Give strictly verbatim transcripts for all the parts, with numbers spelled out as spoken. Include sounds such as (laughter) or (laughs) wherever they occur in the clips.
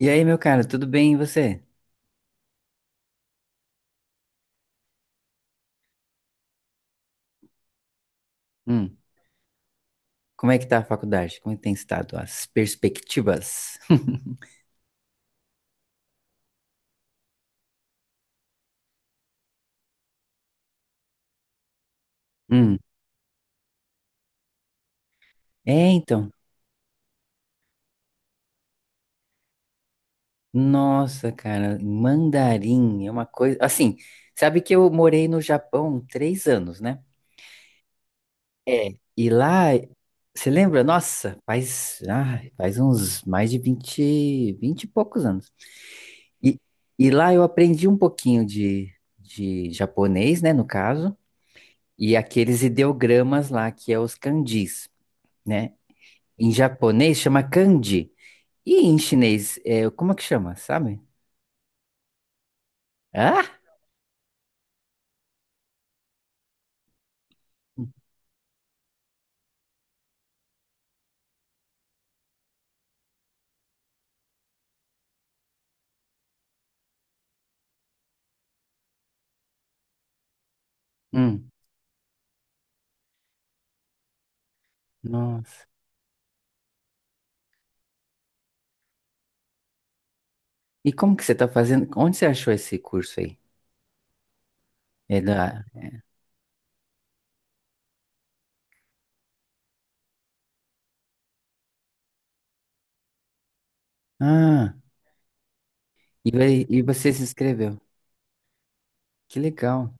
E aí, meu cara, tudo bem e você? Hum, como é que tá a faculdade? Como é que tem estado as perspectivas? (laughs) Hum. É então, nossa, cara, mandarim é uma coisa, assim, sabe que eu morei no Japão três anos, né? É, e lá, você lembra? Nossa, faz, ah, faz uns mais de vinte, vinte e poucos anos. E, e lá eu aprendi um pouquinho de, de japonês, né, no caso. E aqueles ideogramas lá, que é os kanjis, né? Em japonês chama kanji. E em chinês, é, como é que chama, sabe? Ah? Hum, nossa. E como que você tá fazendo? Onde você achou esse curso aí? É da... Ah, e, vai- e você se inscreveu. Que legal.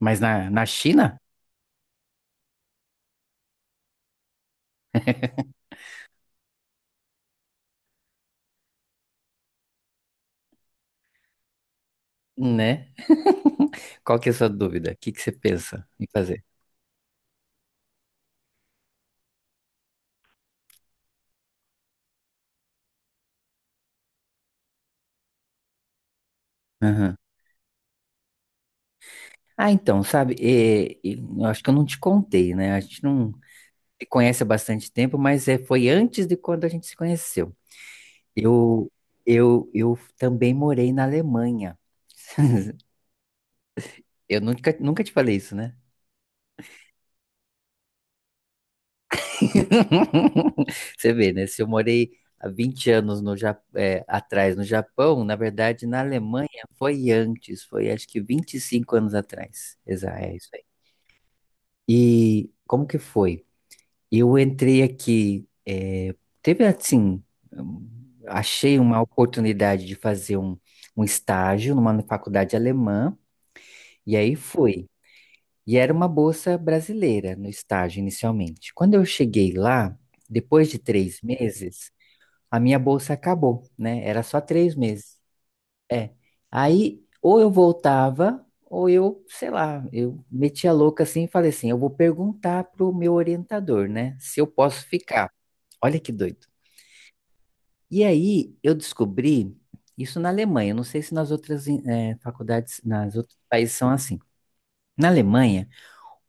Mas na, na China? Né? Qual que é a sua dúvida? O que que você pensa em fazer? Aham. Ah, então, sabe, é, é, eu acho que eu não te contei, né? A gente não, se conhece há bastante tempo, mas é, foi antes de quando a gente se conheceu. Eu, eu, eu também morei na Alemanha. (laughs) Eu nunca, nunca te falei isso, né? (laughs) Você vê, né? Se eu morei há vinte anos no, Ja- é, atrás no Japão, na verdade, na Alemanha foi antes, foi acho que vinte e cinco anos atrás. Exa- É isso aí. E como que foi? Eu entrei aqui, é, teve assim, hum, achei uma oportunidade de fazer um, um estágio numa faculdade alemã, e aí fui. E era uma bolsa brasileira no estágio inicialmente. Quando eu cheguei lá, depois de três meses, a minha bolsa acabou, né? Era só três meses. É. Aí, ou eu voltava, ou eu, sei lá, eu metia louca assim e falei assim: eu vou perguntar pro meu orientador, né, se eu posso ficar. Olha que doido. E aí, eu descobri isso na Alemanha. Eu não sei se nas outras eh, faculdades, nas outros países são assim. Na Alemanha,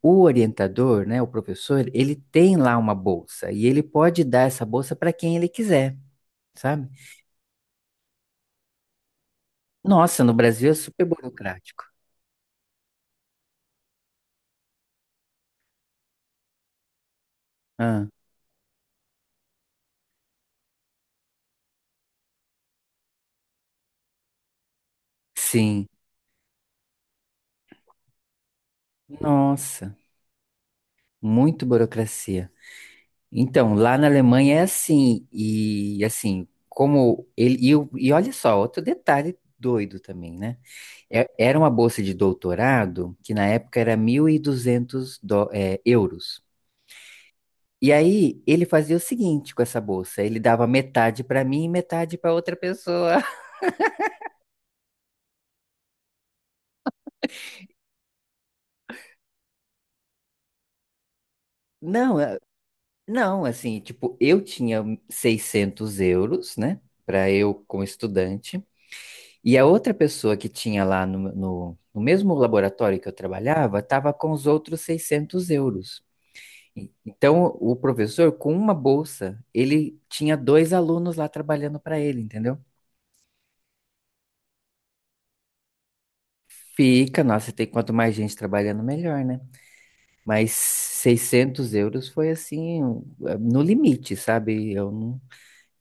o orientador, né, o professor, ele tem lá uma bolsa e ele pode dar essa bolsa para quem ele quiser, sabe? Nossa, no Brasil é super burocrático. Ah, sim. Nossa. Muito burocracia. Então, lá na Alemanha é assim, e assim, como ele. E, o- e olha só, outro detalhe doido também, né? É- Era uma bolsa de doutorado, que na época era mil e duzentos dó- é, euros. E aí ele fazia o seguinte com essa bolsa: ele dava metade para mim e metade para outra pessoa. (laughs) Não, é- não, assim, tipo, eu tinha seiscentos euros, né, para eu como estudante. E a outra pessoa que tinha lá no, no, no mesmo laboratório que eu trabalhava estava com os outros seiscentos euros. E- Então, o professor, com uma bolsa, ele tinha dois alunos lá trabalhando para ele, entendeu? Fica, nossa, tem quanto mais gente trabalhando, melhor, né? Mas seiscentos euros foi assim, um, eh, no limite, sabe? Eu não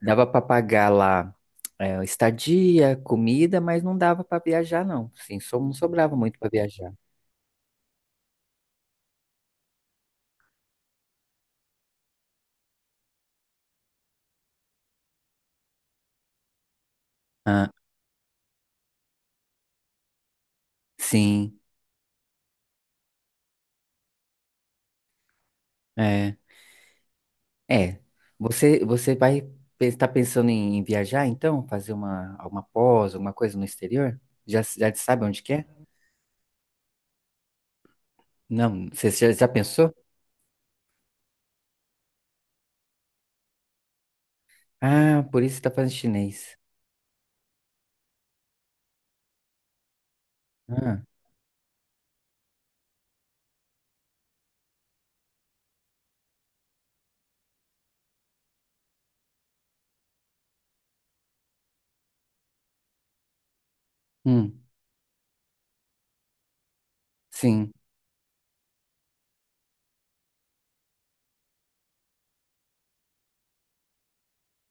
dava para pagar lá eh, estadia, comida, mas não dava para viajar, não. Sim, só não sobrava muito para viajar. Ah, sim. É. É, você você vai estar pensando em, em viajar então, fazer uma alguma pós, alguma coisa no exterior? Já já sabe onde que é? Não, você já, já pensou? Ah, por isso está fazendo chinês. Ah, hum, sim.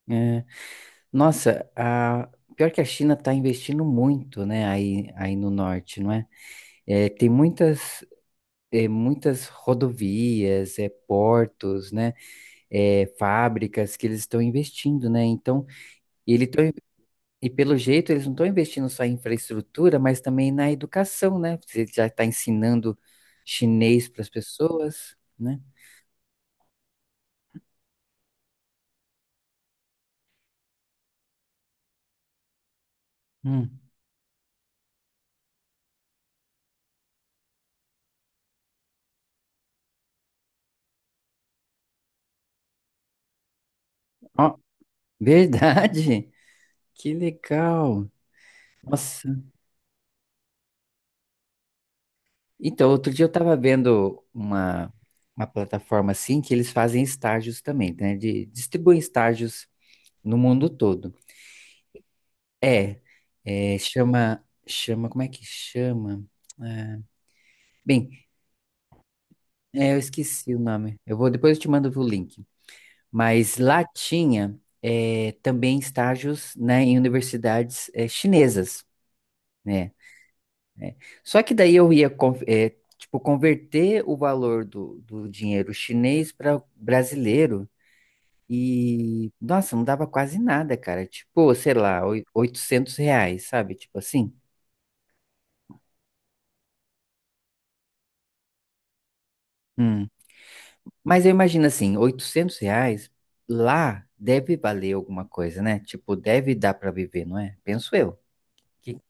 É, nossa, a, pior que a China está investindo muito, né? Aí aí no norte, não é? É, tem muitas é, muitas rodovias, é, portos, né? É, fábricas que eles estão investindo, né? Então ele tá. E pelo jeito, eles não estão investindo só em infraestrutura, mas também na educação, né? Você já está ensinando chinês para as pessoas, né? Hum. Ó, (laughs) verdade! Que legal! Nossa! Então, outro dia eu estava vendo uma, uma, plataforma assim que eles fazem estágios também, né? De, distribuem estágios no mundo todo. É, é, chama, chama, Como é que chama? É, Bem, é, eu esqueci o nome. Eu vou, depois eu te mando o link. Mas lá tinha eh, também estágios, né, em universidades eh, chinesas, né? Só que daí eu ia con- eh, tipo converter o valor do, do dinheiro chinês para brasileiro e nossa, não dava quase nada, cara. Tipo, sei lá, oi- oitocentos reais, sabe? Tipo assim. Hum. Mas eu imagino assim, oitocentos reais lá deve valer alguma coisa, né? Tipo, deve dar para viver, não é? Penso eu. Que-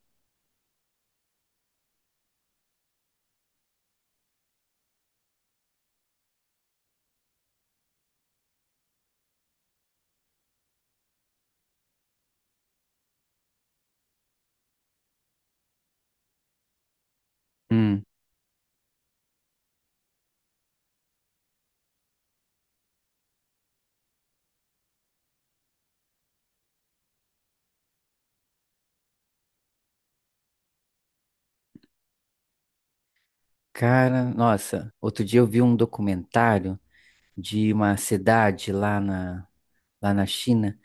hum. Cara, nossa, outro dia eu vi um documentário de uma cidade lá na, lá na China,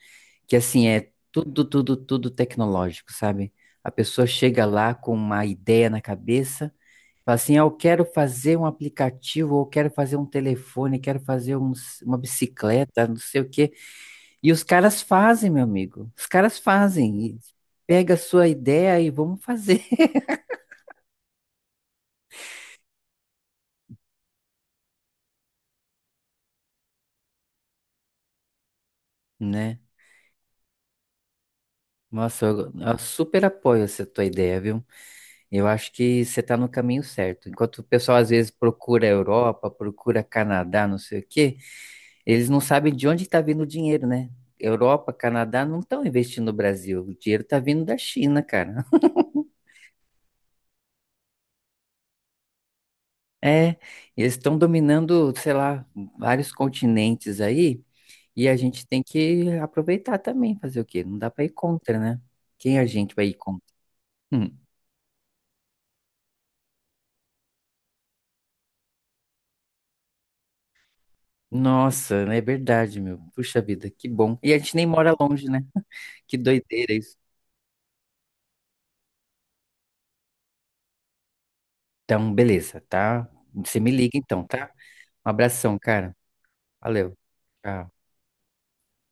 que assim é tudo, tudo, tudo tecnológico, sabe? A pessoa chega lá com uma ideia na cabeça, fala assim, ah, eu quero fazer um aplicativo, ou quero fazer um telefone, quero fazer um s- uma bicicleta, não sei o quê. E os caras fazem, meu amigo. Os caras fazem. E pega a sua ideia e vamos fazer, (laughs) né? Nossa, eu, eu super apoio essa tua ideia, viu? Eu acho que você está no caminho certo. Enquanto o pessoal às vezes procura Europa, procura Canadá, não sei o quê, eles não sabem de onde está vindo o dinheiro, né? Europa, Canadá não estão investindo no Brasil. O dinheiro está vindo da China, cara. (laughs) É, eles estão dominando, sei lá, vários continentes aí, e a gente tem que aproveitar também, fazer o quê? Não dá para ir contra, né? Quem a gente vai ir contra? Hum. Nossa, é verdade, meu. Puxa vida, que bom. E a gente nem mora longe, né? (laughs) Que doideira isso. Então, beleza, tá? Você me liga então, tá? Um abração, cara. Valeu. Tchau.